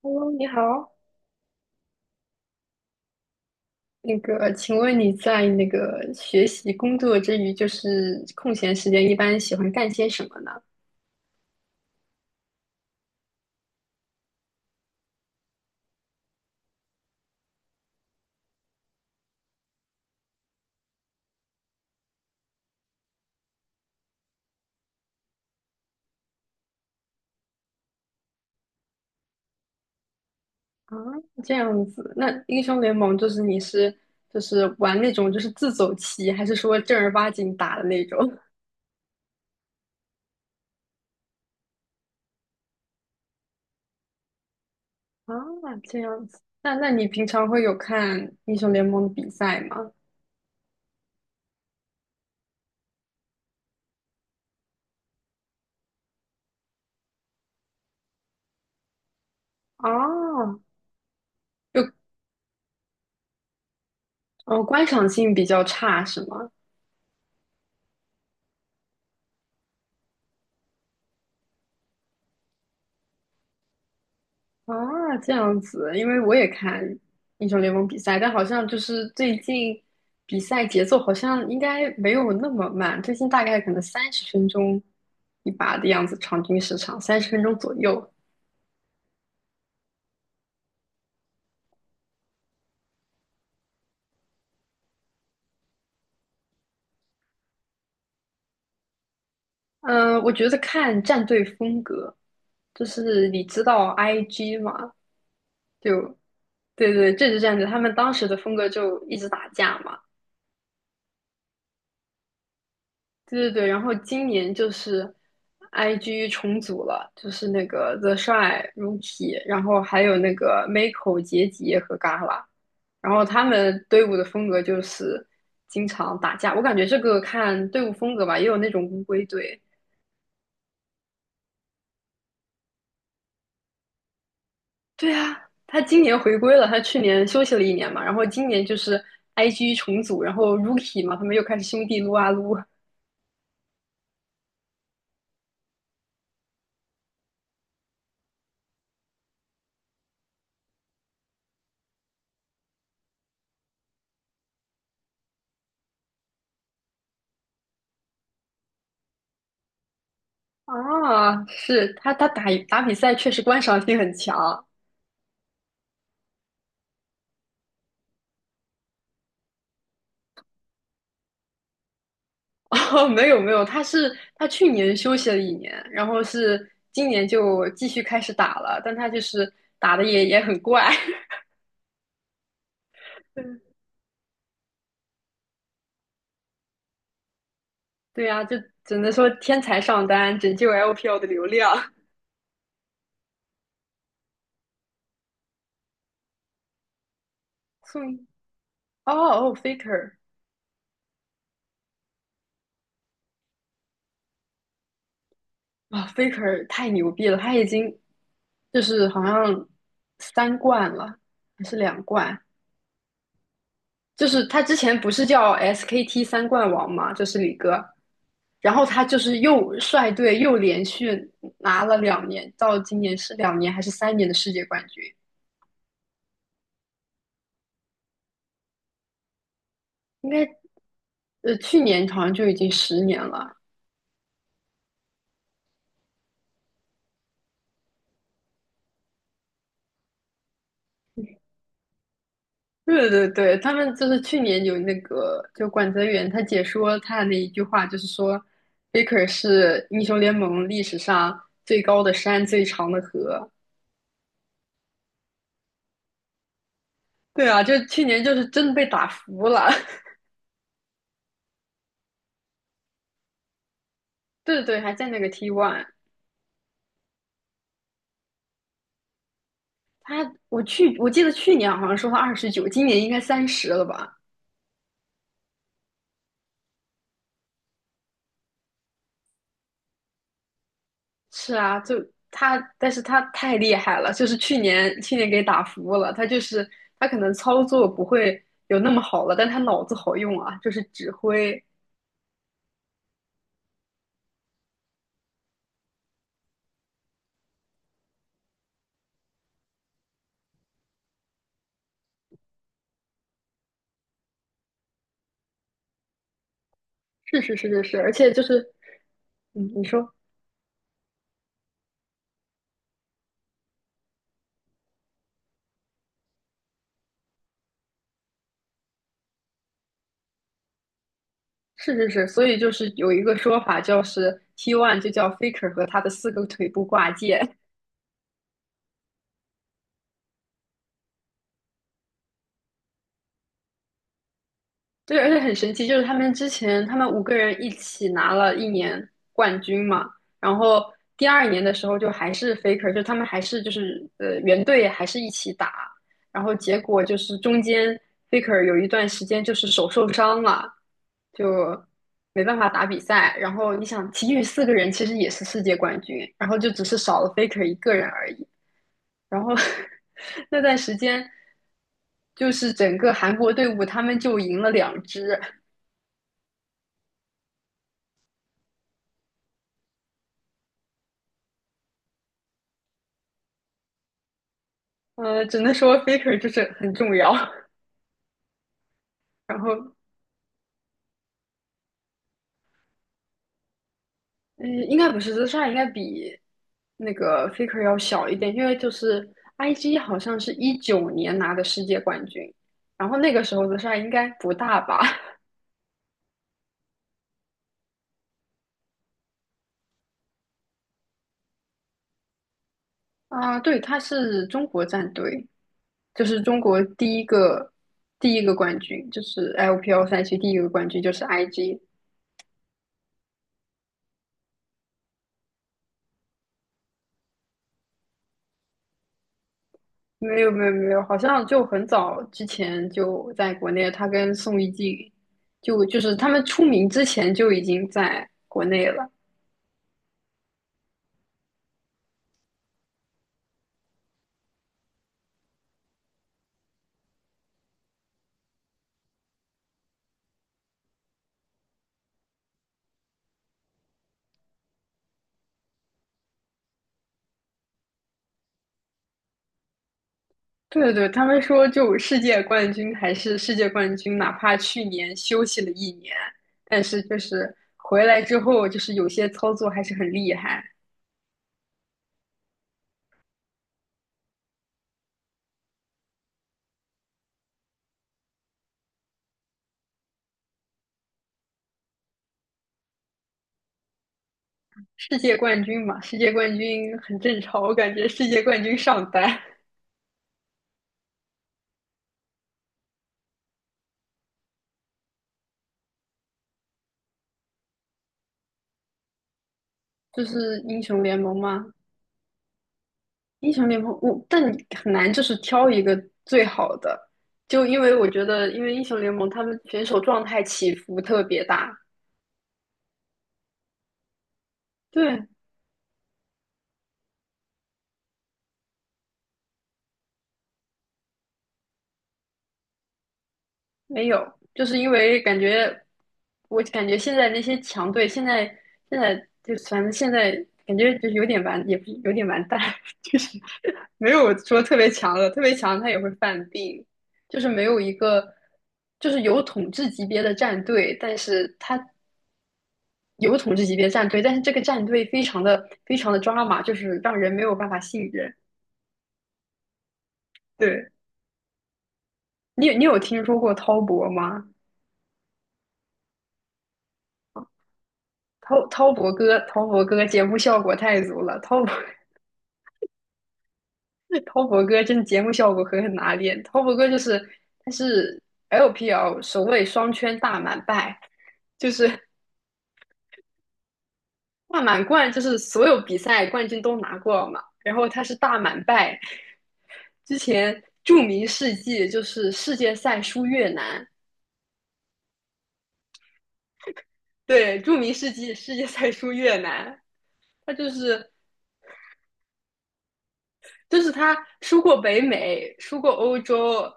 Hello，你好。请问你在学习工作之余，就是空闲时间，一般喜欢干些什么呢？啊，这样子。那英雄联盟就是你是就是玩那种自走棋，还是说正儿八经打的那种？啊，这样子。那你平常会有看英雄联盟的比赛吗？哦，就哦，观赏性比较差是吗？啊，这样子，因为我也看英雄联盟比赛，但好像就是最近比赛节奏好像应该没有那么慢，最近大概可能三十分钟一把的样子，场均时长三十分钟左右。嗯，我觉得看战队风格，就是你知道 IG 嘛，就对对，这支战队他们当时的风格就一直打架嘛，对对对，然后今年就是 IG 重组了，就是那个 The Shy、Rookie，然后还有那个 Miko、杰杰和 Gala，然后他们队伍的风格就是经常打架。我感觉这个看队伍风格吧，也有那种乌龟队。对啊，他今年回归了，他去年休息了一年嘛，然后今年就是 IG 重组，然后 Rookie 嘛，他们又开始兄弟撸啊撸 啊，是他打比赛确实观赏性很强。哦，没有没有，他是他去年休息了一年，然后是今年就继续开始打了，但他就是打的也很怪。嗯对呀、啊只能说天才上单拯救 LPL 的流量 宋哦哦，Faker。 啊，Faker 太牛逼了，他已经就是好像三冠了，还是2冠，就是他之前不是叫 SKT 三冠王嘛，就是李哥，然后他就是又率队又连续拿了两年，到今年是2年还是3年的世界冠军？应该去年好像就已经10年了。对对对，他们就是去年有那个，就管泽元他解说他的那一句话，就是说，Faker 是英雄联盟历史上最高的山、最长的河。对啊，就去年就是真的被打服了。对对对，还在那个 t One。他，我去，我记得去年好像说他29，今年应该三十了吧？是啊，但是他太厉害了，就是去年给打服了。他就是他可能操作不会有那么好了，但他脑子好用啊，就是指挥。是是是是是，而且就是，嗯，你说是是是，所以就是有一个说法，就是 T one 就叫 Faker 和他的4个腿部挂件。对，而且很神奇，就是他们之前他们5个人一起拿了一年冠军嘛，然后第二年的时候就还是 Faker，就他们还是就是原队还是一起打，然后结果就是中间 Faker 有一段时间就是手受伤了，就没办法打比赛。然后你想，其余4个人其实也是世界冠军，然后就只是少了 Faker 一个人而已。然后 那段时间。就是整个韩国队伍，他们就赢了2支，呃，只能说 faker 就是很重要。然后，嗯，应该不是 shy 应该比那个 faker 要小一点，因为就是 IG 好像是19年拿的世界冠军，然后那个时候 shy 应该不大吧？啊，对，他是中国战队，就是中国第一个冠军，就是 LPL 赛区第一个冠军就是 IG。没有没有没有，好像就很早之前就在国内，他跟宋一静，就是他们出名之前就已经在国内了。对对对，他们说就世界冠军还是世界冠军，哪怕去年休息了一年，但是就是回来之后，就是有些操作还是很厉害。世界冠军嘛，世界冠军很正常，我感觉世界冠军上单就是英雄联盟吗？英雄联盟，我但你很难就是挑一个最好的，就因为我觉得，因为英雄联盟他们选手状态起伏特别大。对，没有，就是因为感觉，我感觉现在那些强队，现在就反正现在感觉就有点完，也不是有点完蛋，就是没有说特别强的，特别强他也会犯病，就是没有一个就是有统治级别的战队，但是他有统治级别战队，但是这个战队非常的抓马，就是让人没有办法信任。对你有听说过滔博吗？滔博哥，滔博哥节目效果太足了，滔博 滔博哥真的节目效果狠狠拿捏。滔博哥就是他是 LPL 首位双圈大满贯，就是大满贯，就是所有比赛冠军都拿过嘛，然后他是大满贯。之前著名事迹就是世界赛输越南，对，著名世纪世界赛输越南，他就是就是他输过北美，输过欧洲，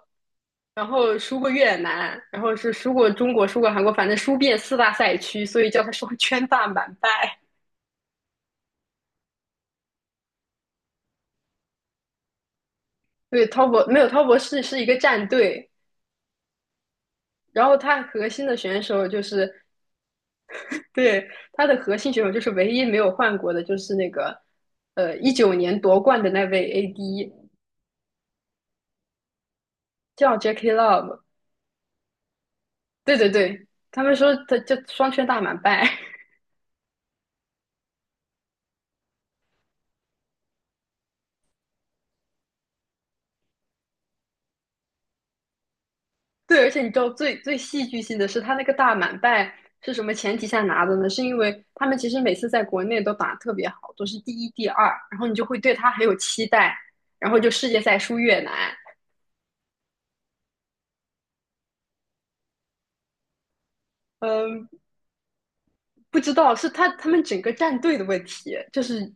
然后输过越南，然后是输过中国，输过韩国，反正输遍4大赛区，所以叫他双圈大满贯。对，滔博没有滔博是一个战队，然后他核心的选手就是对他的核心选手就是唯一没有换过的，就是那个一九年夺冠的那位 AD 叫 Jackie Love。对对对，他们说他就双圈大满贯，对，而且你知道最最戏剧性的是，他那个大满贯是什么前提下拿的呢？是因为他们其实每次在国内都打得特别好，都是第一、第二，然后你就会对他很有期待，然后就世界赛输越南，嗯，不知道是他们整个战队的问题，就是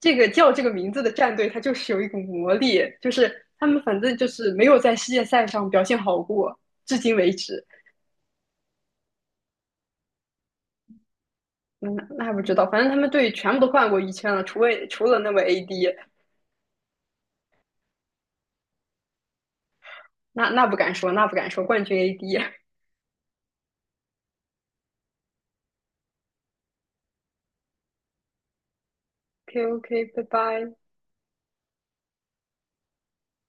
这个叫这个名字的战队，它就是有一股魔力，就是他们反正就是没有在世界赛上表现好过，至今为止。那那不知道，反正他们队全部都换过一圈了，除了那位 AD，那那不敢说，那不敢说，冠军 AD。k OK，拜拜。